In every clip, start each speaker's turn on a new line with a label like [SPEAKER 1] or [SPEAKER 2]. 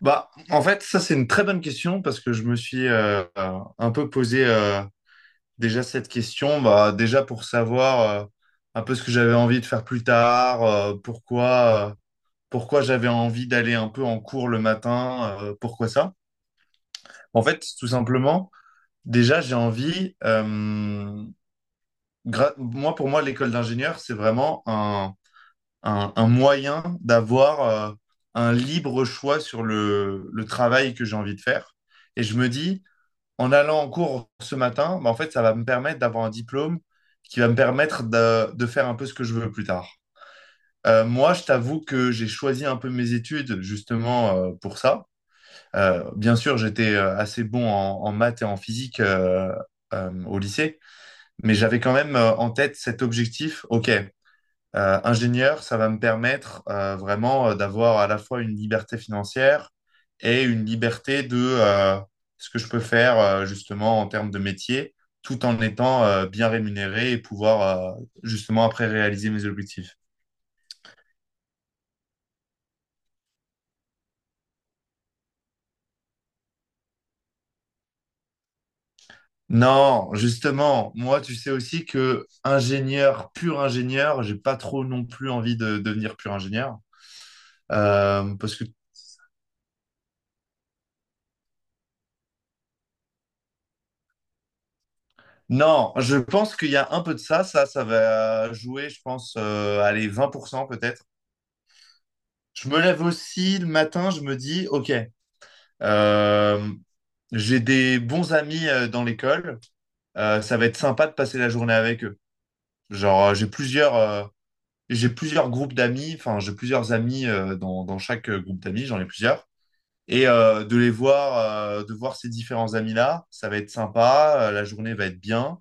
[SPEAKER 1] Bah, en fait, ça, c'est une très bonne question parce que je me suis un peu posé déjà cette question, bah, déjà pour savoir un peu ce que j'avais envie de faire plus tard, pourquoi j'avais envie d'aller un peu en cours le matin, pourquoi ça. En fait, tout simplement, déjà, j'ai envie, moi, pour moi, l'école d'ingénieur, c'est vraiment un moyen d'avoir euh, un libre choix sur le travail que j'ai envie de faire. Et je me dis, en allant en cours ce matin, bah, en fait, ça va me permettre d'avoir un diplôme qui va me permettre de faire un peu ce que je veux plus tard. Moi, je t'avoue que j'ai choisi un peu mes études justement pour ça. Bien sûr, j'étais assez bon en maths et en physique au lycée, mais j'avais quand même en tête cet objectif. OK, ingénieur, ça va me permettre vraiment d'avoir à la fois une liberté financière et une liberté de ce que je peux faire justement en termes de métier, tout en étant bien rémunéré et pouvoir justement après réaliser mes objectifs. Non, justement, moi, tu sais aussi que ingénieur, pur ingénieur, j'ai pas trop non plus envie de devenir pur ingénieur. Parce que non, je pense qu'il y a un peu de ça, ça va jouer, je pense, allez, 20% peut-être. Je me lève aussi le matin, je me dis, OK, euh, j'ai des bons amis dans l'école, ça va être sympa de passer la journée avec eux. Genre, j'ai plusieurs groupes d'amis, enfin, j'ai plusieurs amis dans chaque groupe d'amis, j'en ai plusieurs. De les voir, de voir ces différents amis-là, ça va être sympa, la journée va être bien,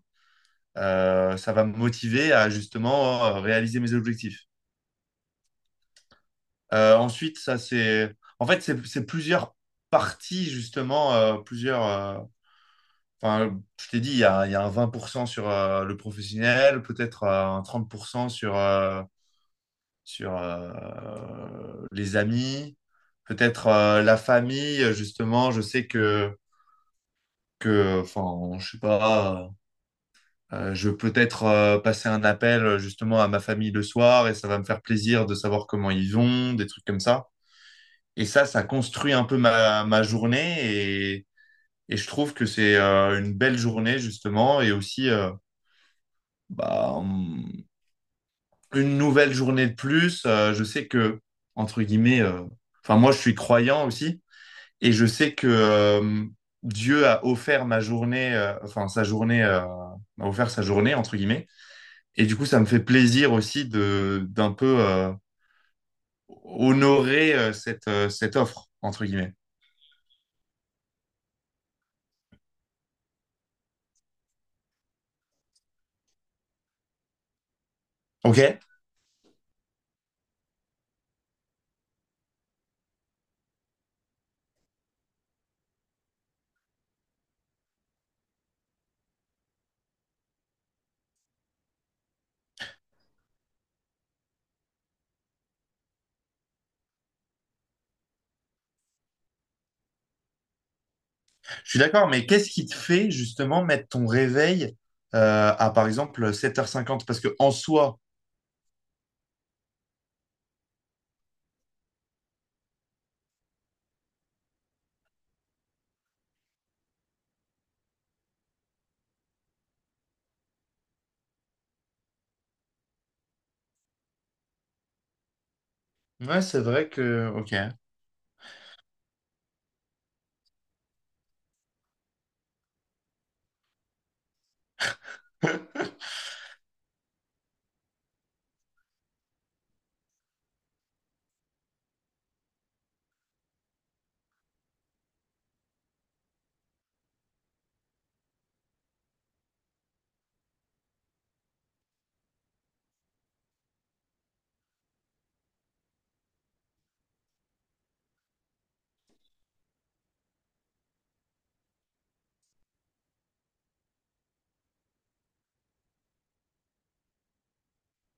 [SPEAKER 1] ça va me motiver à justement réaliser mes objectifs. En fait, c'est plusieurs parties justement, plusieurs. Enfin, je t'ai dit, il y a un 20% sur le professionnel, peut-être un 30% sur les amis, peut-être la famille. Justement, je sais que, enfin, je sais pas, je vais peut-être passer un appel justement à ma famille le soir et ça va me faire plaisir de savoir comment ils vont, des trucs comme ça. Et ça, ça construit un peu ma journée et je trouve que c'est une belle journée justement et aussi bah, hum, une nouvelle journée de plus. Je sais que, entre guillemets, enfin moi je suis croyant aussi et je sais que Dieu a offert ma journée, enfin sa journée, m'a offert sa journée, entre guillemets. Et du coup, ça me fait plaisir aussi de d'un peu honorer cette offre, entre guillemets. Ok? Je suis d'accord, mais qu'est-ce qui te fait justement mettre ton réveil à par exemple sept heures cinquante? Parce que en soi, ouais, c'est vrai que. Ok.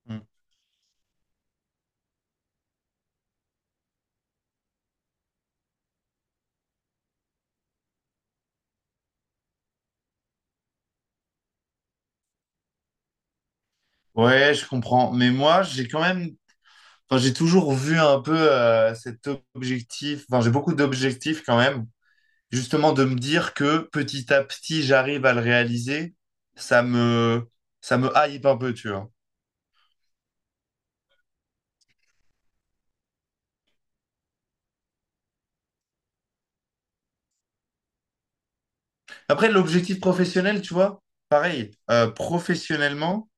[SPEAKER 1] Hmm. Ouais, je comprends. Mais moi, j'ai quand même. Enfin, j'ai toujours vu un peu cet objectif. Enfin, j'ai beaucoup d'objectifs quand même. Justement, de me dire que petit à petit, j'arrive à le réaliser. Ça me. Ça me hype un peu, tu vois. Après, l'objectif professionnel, tu vois, pareil. Professionnellement.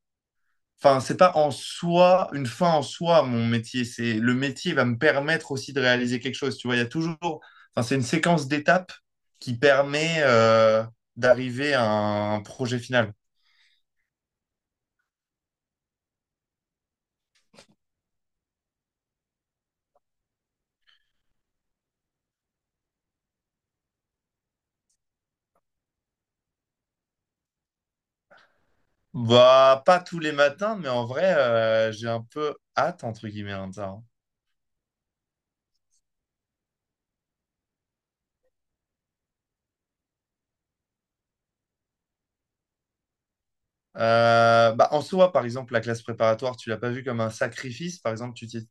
[SPEAKER 1] Enfin, c'est pas en soi, une fin en soi, mon métier. C'est le métier va me permettre aussi de réaliser quelque chose. Tu vois, il y a toujours. Enfin, c'est une séquence d'étapes qui permet d'arriver à un projet final. Bah, pas tous les matins, mais en vrai, j'ai un peu hâte, entre guillemets, hein, de ça, hein. Bah, en soi, par exemple, la classe préparatoire, tu l'as pas vu comme un sacrifice. Par exemple, tu t'y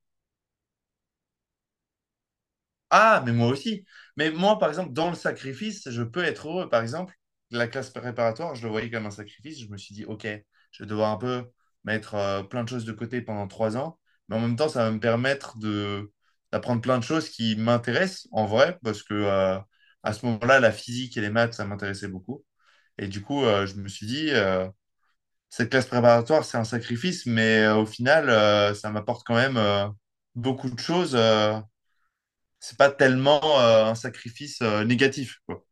[SPEAKER 1] Ah, mais moi aussi. Mais moi, par exemple, dans le sacrifice, je peux être heureux. Par exemple, la classe préparatoire, je le voyais comme un sacrifice. Je me suis dit, OK, je vais devoir un peu mettre plein de choses de côté pendant trois ans. Mais en même temps, ça va me permettre de d'apprendre plein de choses qui m'intéressent en vrai, parce que à ce moment-là, la physique et les maths, ça m'intéressait beaucoup. Et du coup, je me suis dit, cette classe préparatoire, c'est un sacrifice, mais au final, ça m'apporte quand même beaucoup de choses. C'est pas tellement un sacrifice négatif. Quoi.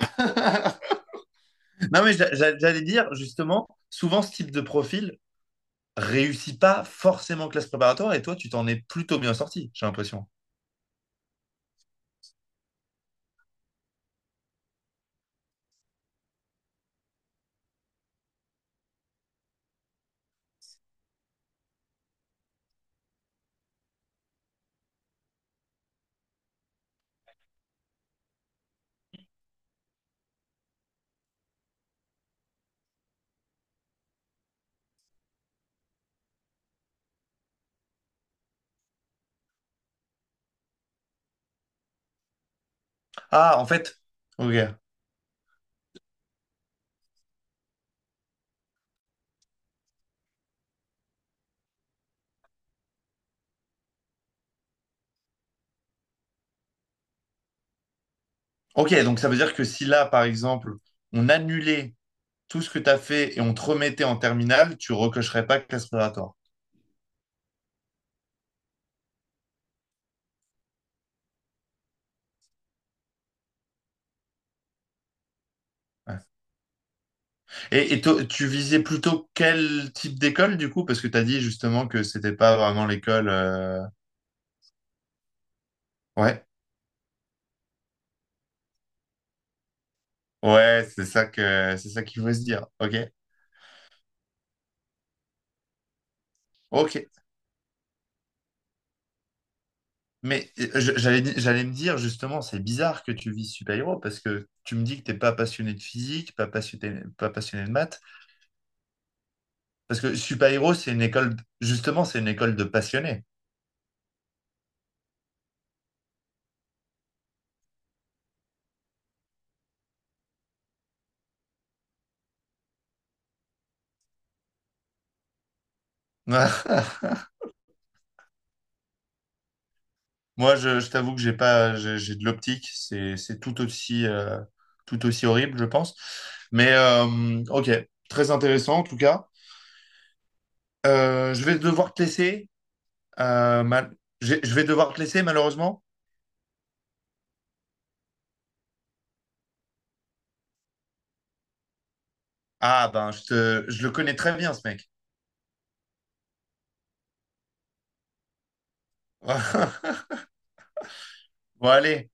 [SPEAKER 1] Non, mais j'allais dire, justement, souvent ce type de profil réussit pas forcément en classe préparatoire et toi, tu t'en es plutôt bien sorti, j'ai l'impression. Ah, en fait, ok. Ok, donc ça veut dire que si là, par exemple, on annulait tout ce que tu as fait et on te remettait en terminale, tu recocherais pas classe préparatoire. Ouais. Et, tu visais plutôt quel type d'école, du coup? Parce que tu as dit justement que c'était pas vraiment l'école. Ouais. Ouais, c'est ça que c'est ça qu'il faut se dire. Ok, ok. Mais j'allais me dire justement, c'est bizarre que tu vises super-héros parce que tu me dis que t'es pas passionné de physique, pas passionné de maths, parce que super-héros c'est une école justement c'est une école de passionnés. Je t'avoue que j'ai pas j'ai j'ai de l'optique, c'est tout aussi horrible, je pense. Mais ok, très intéressant en tout cas. Je vais devoir te laisser. euh, mal- Je vais devoir te laisser malheureusement. Ah ben, je le connais très bien, ce mec. Bon, allez.